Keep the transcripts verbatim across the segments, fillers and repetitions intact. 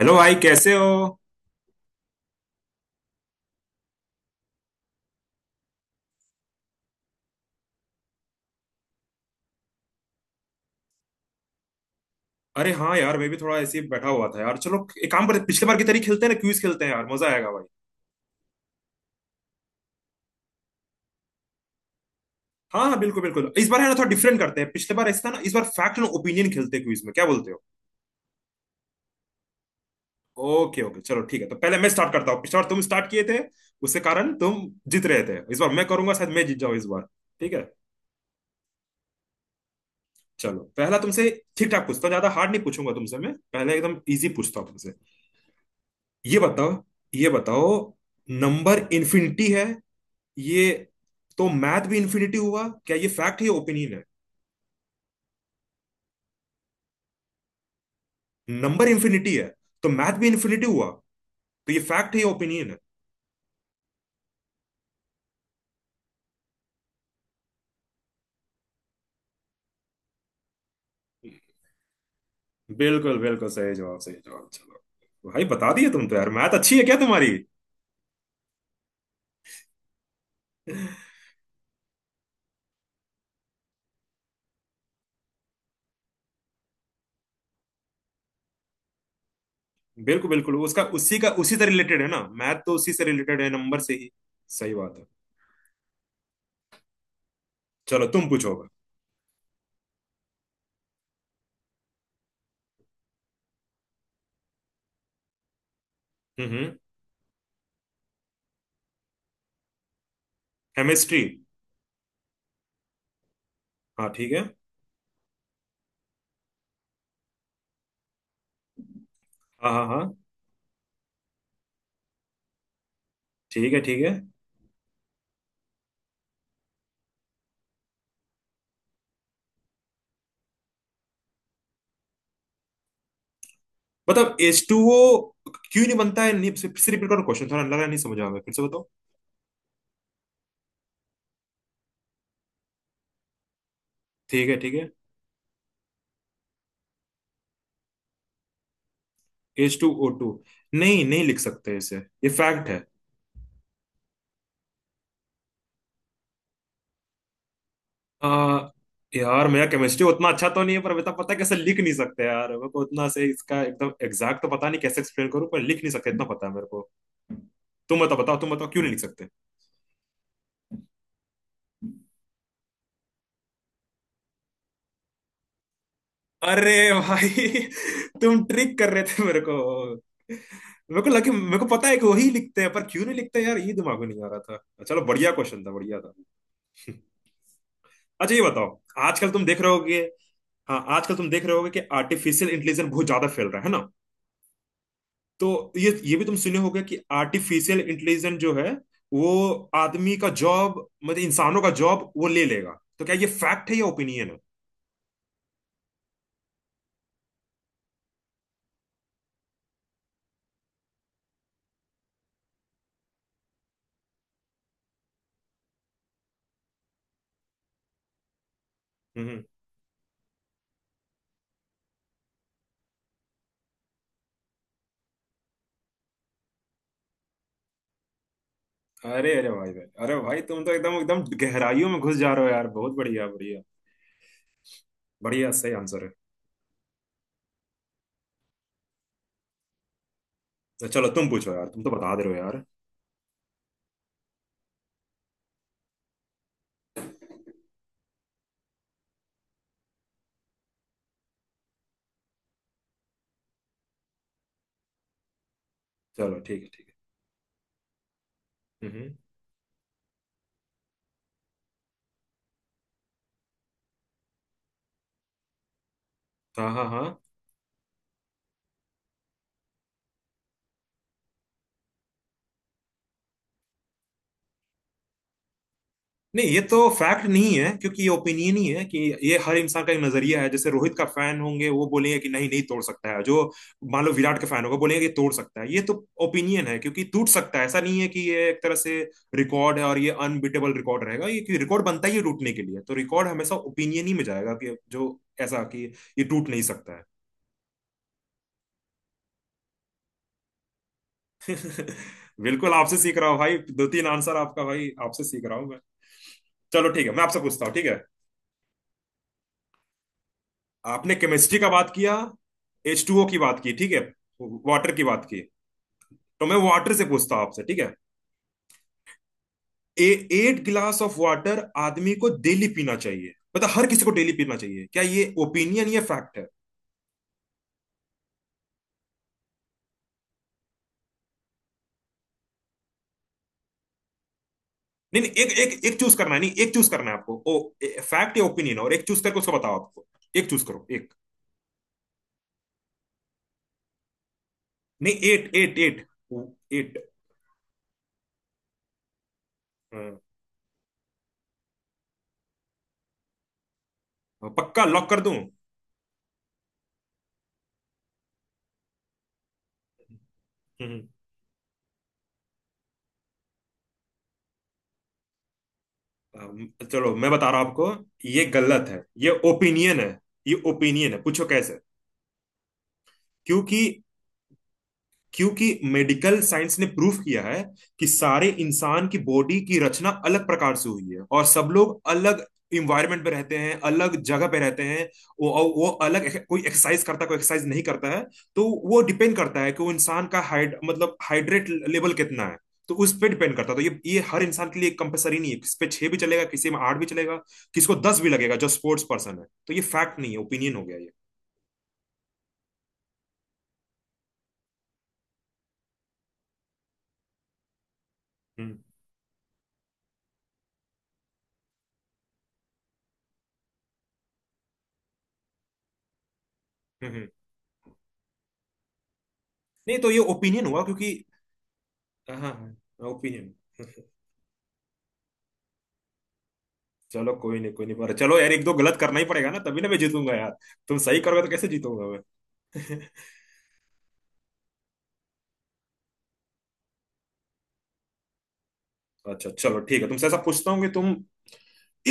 Hello भाई, कैसे हो? अरे हाँ यार, मैं भी थोड़ा ऐसे ही बैठा हुआ था यार। चलो एक काम करते हैं, पिछले बार की तरह खेलते हैं ना, क्विज खेलते हैं यार, मजा आएगा भाई। हाँ हाँ बिल्कुल बिल्कुल, इस बार है ना थोड़ा डिफरेंट करते हैं, पिछले बार ऐसा था ना, इस बार फैक्ट एंड ओपिनियन खेलते हैं क्विज में, क्या बोलते हो? ओके ओके, चलो ठीक है, तो पहले मैं स्टार्ट करता हूँ, पिछले बार तुम स्टार्ट किए थे, उसके कारण तुम जीत रहे थे, इस बार मैं करूंगा, शायद मैं जीत जाऊँ इस बार। ठीक है, चलो पहला तुमसे ठीक ठाक पूछता हूँ, ज्यादा हार्ड नहीं पूछूंगा तुमसे, मैं पहले एकदम इजी पूछता हूँ तुमसे। ये बताओ, ये बताओ, नंबर इन्फिनिटी है, ये तो मैथ भी इन्फिनिटी हुआ क्या? ये फैक्ट है या ओपिनियन है? नंबर इन्फिनिटी है, तो मैथ भी इन्फिनिटी हुआ, तो ये फैक्ट है या ओपिनियन है? बिल्कुल बिल्कुल, सही जवाब, सही जवाब। चलो भाई, बता दिए तुम तो। यार, मैथ अच्छी है क्या तुम्हारी? बिल्कुल बिल्कुल, उसका उसी का उसी से रिलेटेड है ना, मैथ तो उसी से रिलेटेड है, नंबर से ही। सही बात है। चलो तुम पूछोगे। हम्म हम्म। केमिस्ट्री। हाँ ठीक है। हाँ हाँ हाँ। ठीक है ठीक है। मतलब एच टू ओ क्यों नहीं बनता है? नहीं, फिर से रिपीट करो क्वेश्चन, थोड़ा लग रहा है नहीं समझ आ रहा है। फिर से बताओ। ठीक है ठीक है। H two O two? नहीं नहीं लिख सकते इसे, ये फैक्ट है। आ, यार, मेरा केमिस्ट्री उतना अच्छा तो नहीं है, पर बेटा पता है, कैसे लिख नहीं सकते यार, मेरे को उतना से इसका एकदम एग्जैक्ट तो पता नहीं, कैसे एक्सप्लेन करूं, पर लिख नहीं सकते इतना पता है मेरे को। तुम बताओ बताओ, तुम बताओ क्यों नहीं लिख सकते। अरे भाई, तुम ट्रिक कर रहे थे मेरे को। मेरे को लगे मेरे को पता है कि वही लिखते हैं, पर क्यों नहीं लिखते यार, ये दिमाग में नहीं आ रहा था। चलो बढ़िया क्वेश्चन था, बढ़िया था। अच्छा ये बताओ, आजकल तुम देख रहे होगे, हाँ आजकल तुम देख रहे होगे कि आर्टिफिशियल इंटेलिजेंस बहुत ज्यादा फैल रहा है ना, तो ये ये भी तुम सुने होगे कि आर्टिफिशियल इंटेलिजेंस जो है वो आदमी का जॉब, मतलब इंसानों का जॉब वो ले लेगा, तो क्या ये फैक्ट है या ओपिनियन है? हम्म। अरे अरे भाई भाई, अरे भाई तुम तो एकदम एकदम गहराइयों में घुस जा रहे हो यार, बहुत बढ़िया बढ़िया। बढ़िया, सही आंसर है। अच्छा, चलो तुम पूछो यार, तुम तो बता दे रहे हो यार। चलो ठीक है, ठीक है। हम्म हम्म। हाँ हाँ हाँ। नहीं, ये तो फैक्ट नहीं है, क्योंकि ये ओपिनियन ही है कि ये हर इंसान का एक नजरिया है, जैसे रोहित का फैन होंगे वो बोलेंगे कि नहीं नहीं तोड़ सकता है जो। मान लो विराट का फैन होगा, बोलेंगे कि तोड़ सकता है। ये तो ओपिनियन है, क्योंकि टूट सकता है, ऐसा नहीं है कि ये एक तरह से रिकॉर्ड है और ये अनबीटेबल रिकॉर्ड रहेगा, ये कि रिकॉर्ड बनता ही है टूटने के लिए, तो रिकॉर्ड हमेशा ओपिनियन ही में जाएगा कि जो ऐसा कि ये टूट नहीं सकता है। बिल्कुल, आपसे सीख रहा हूँ भाई, दो तीन आंसर आपका भाई, आपसे सीख रहा हूँ मैं। चलो ठीक है, मैं आपसे पूछता हूँ, ठीक है। आपने केमिस्ट्री का बात किया, एच टू ओ की बात की, ठीक है, वाटर की बात की, तो मैं वाटर से पूछता हूं आपसे, ठीक है। A, eight glass of water आदमी को डेली पीना चाहिए, मतलब हर किसी को डेली पीना चाहिए, क्या ये ओपिनियन या फैक्ट है? नहीं नहीं, एक एक एक चूज करना है, नहीं एक चूज करना है आपको, ओ फैक्ट या ओपिनियन, और एक चूज करके उसको बताओ आपको। एक चूज करो, एक। नहीं, एट एट एट। एट। पक्का लॉक कर दूं? हम्म हम्म। अम, चलो मैं बता रहा हूं आपको, ये गलत है, ये ओपिनियन है। ये ओपिनियन है, पूछो कैसे। क्योंकि, क्योंकि मेडिकल साइंस ने प्रूफ किया है कि सारे इंसान की बॉडी की रचना अलग प्रकार से हुई है और सब लोग अलग इन्वायरमेंट पे रहते हैं, अलग जगह पे रहते हैं, वो और वो अलग, कोई एक्सरसाइज करता है कोई एक्सरसाइज नहीं करता है, तो वो डिपेंड करता है कि वो इंसान का हाइड मतलब हाइड्रेट लेवल कितना है, तो उस पर डिपेंड करता है, तो ये ये हर इंसान के लिए कंपलसरी नहीं है, किस पे छह भी चलेगा, किसी में आठ भी चलेगा, किसको दस भी लगेगा जो स्पोर्ट्स पर्सन है, तो ये फैक्ट नहीं है, ओपिनियन हो गया ये। हम्म हम्म हम्म। नहीं, तो ये ओपिनियन हुआ क्योंकि। हाँ हाँ, ओपिनियन। चलो कोई नहीं कोई नहीं, पर चलो यार, एक दो गलत करना ही पड़ेगा ना तभी ना मैं जीतूंगा यार, तुम सही करोगे तो कैसे जीतूंगा मैं। अच्छा चलो ठीक है, तुमसे ऐसा पूछता हूँ कि तुम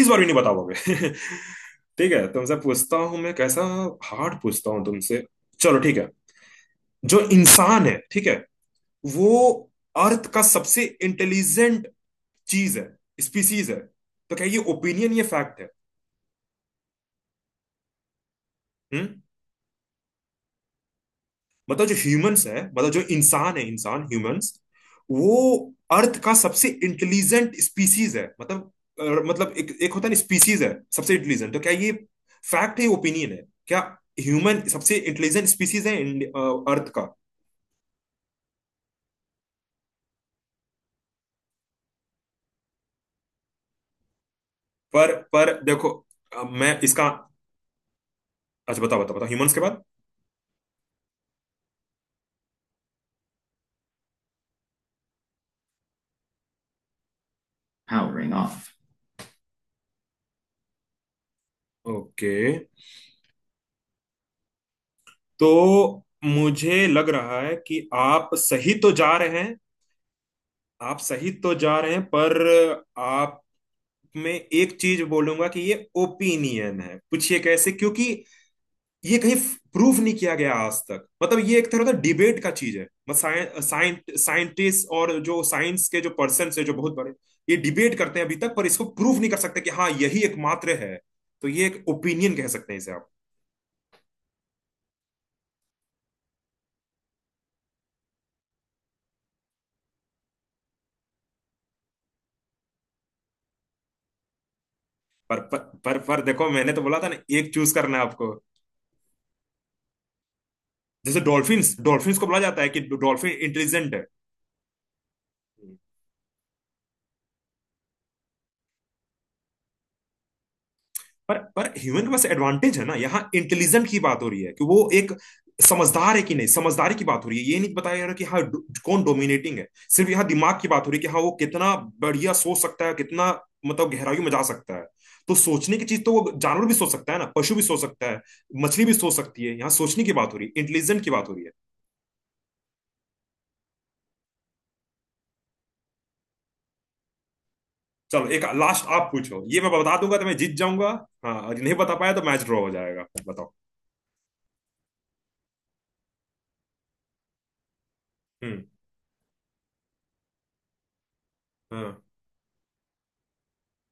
इस बार भी नहीं बता पाओगे। ठीक है, तुमसे पूछता हूँ मैं, कैसा हार्ड पूछता हूँ तुमसे। चलो ठीक है, जो इंसान है ठीक है, वो अर्थ का सबसे इंटेलिजेंट चीज है, स्पीसीज है, तो क्या ये ओपिनियन ये फैक्ट है? हम्म। मतलब जो ह्यूमंस है, मतलब जो इंसान है, इंसान ह्यूमंस, वो अर्थ का सबसे इंटेलिजेंट स्पीसीज है, मतलब अ, मतलब एक एक होता है ना, स्पीसीज है सबसे इंटेलिजेंट, तो क्या ये फैक्ट है, ओपिनियन है क्या? ह्यूमन सबसे इंटेलिजेंट स्पीसीज है इंड- अ, अर्थ का। पर पर देखो, अ, मैं इसका, अच्छा बताओ बताओ बताओ, ह्यूमंस के बाद Powering off. ओके, तो मुझे लग रहा है कि आप सही तो जा रहे हैं, आप सही तो जा रहे हैं पर आप, मैं एक चीज बोलूंगा कि ये ओपिनियन है, पूछिए कैसे। क्योंकि ये कहीं प्रूफ नहीं किया गया आज तक, मतलब ये एक तरह का डिबेट का चीज है, मतलब साइंटिस्ट और जो साइंस के जो पर्सन है जो बहुत बड़े, ये डिबेट करते हैं अभी तक, पर इसको प्रूफ नहीं कर सकते कि हाँ यही एकमात्र है, तो ये एक ओपिनियन कह सकते हैं इसे आप। पर पर पर, पर देखो, मैंने तो बोला था ना एक चूज करना है आपको। जैसे डॉल्फिन्स, डॉल्फिन्स को बोला जाता है कि डॉल्फिन इंटेलिजेंट है। पर पर ह्यूमन के पास एडवांटेज है ना, यहाँ इंटेलिजेंट की बात हो रही है कि वो एक समझदार है कि नहीं, समझदारी की बात हो रही है, ये नहीं बताया जा रहा कि हाँ डो- कौन डोमिनेटिंग है, सिर्फ यहाँ दिमाग की बात हो रही है कि हाँ वो कितना बढ़िया सोच सकता है, कितना मतलब गहराइयों में जा सकता है, तो सोचने की चीज तो वो जानवर भी सोच सकता है ना, पशु भी सोच सकता है, मछली भी सोच सकती है, यहाँ सोचने की बात हो रही है, इंटेलिजेंट की बात हो रही है। चलो एक लास्ट आप पूछो, ये मैं बता दूंगा तो मैं जीत जाऊंगा। हाँ, और नहीं बता पाया तो मैच ड्रॉ हो जाएगा, बताओ। हम्म। हाँ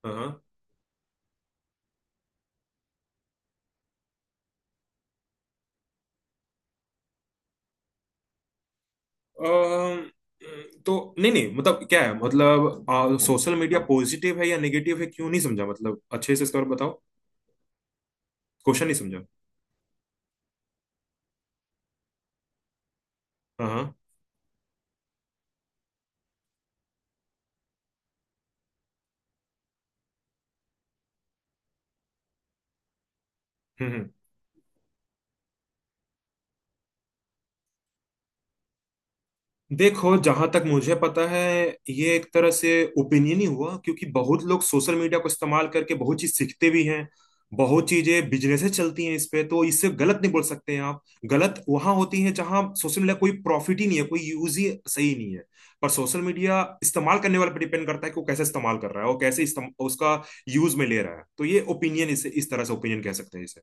हाँ हाँ। अम्म, तो नहीं नहीं, मतलब क्या है, मतलब सोशल मीडिया पॉजिटिव है या नेगेटिव है क्यों, नहीं समझा मतलब, अच्छे से इस पर बताओ, क्वेश्चन नहीं समझा। हाँ हाँ। हम्म हम्म। देखो जहां तक मुझे पता है, ये एक तरह से ओपिनियन ही हुआ, क्योंकि बहुत लोग सोशल मीडिया को इस्तेमाल करके बहुत चीज सीखते भी हैं, बहुत चीजें बिजनेसेस चलती हैं इस पे, तो इससे गलत नहीं बोल सकते हैं आप। गलत वहां होती है जहां सोशल मीडिया कोई प्रॉफिट ही नहीं है, कोई यूज ही सही नहीं है, पर सोशल मीडिया इस्तेमाल करने वाले पर डिपेंड करता है कि वो कैसे इस्तेमाल कर रहा है, वो कैसे इस्तेम- उसका यूज में ले रहा है, तो ये ओपिनियन, इस, इस तरह से ओपिनियन कह सकते हैं इसे।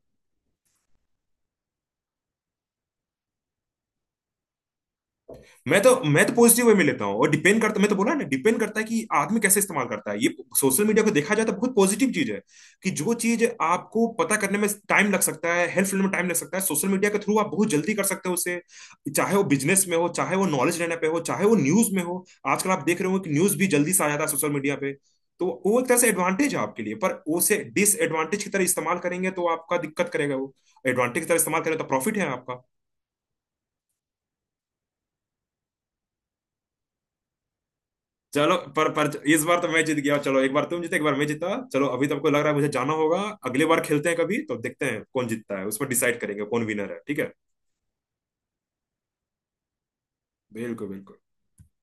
मैं तो, मैं तो पॉजिटिव वे में लेता हूँ, और डिपेंड करता, मैं तो बोला ना डिपेंड करता है कि आदमी कैसे इस्तेमाल करता है ये सोशल मीडिया को, देखा जाए तो बहुत पॉजिटिव चीज है कि जो चीज आपको पता करने में टाइम लग सकता है, हेल्थ फील्ड में टाइम लग सकता है, सोशल मीडिया के थ्रू आप बहुत जल्दी कर सकते हो उसे, चाहे वो बिजनेस में हो, चाहे वो नॉलेज लेने पे हो, चाहे वो न्यूज में हो, आजकल आप देख रहे हो कि न्यूज भी जल्दी से आ जाता है सोशल मीडिया पे, तो वो एक तरह से एडवांटेज है आपके लिए, पर उसे डिसएडवांटेज की तरह इस्तेमाल करेंगे तो आपका दिक्कत करेगा वो, एडवांटेज की तरह इस्तेमाल करें तो प्रॉफिट है आपका। चलो, पर पर इस बार तो मैं जीत गया, चलो एक बार तुम जीते एक बार मैं जीता, चलो अभी तो आपको लग रहा है मुझे जाना होगा, अगली बार खेलते हैं कभी तो देखते हैं कौन जीतता है, उस पर डिसाइड करेंगे कौन विनर है, ठीक है। बिल्कुल बिल्कुल।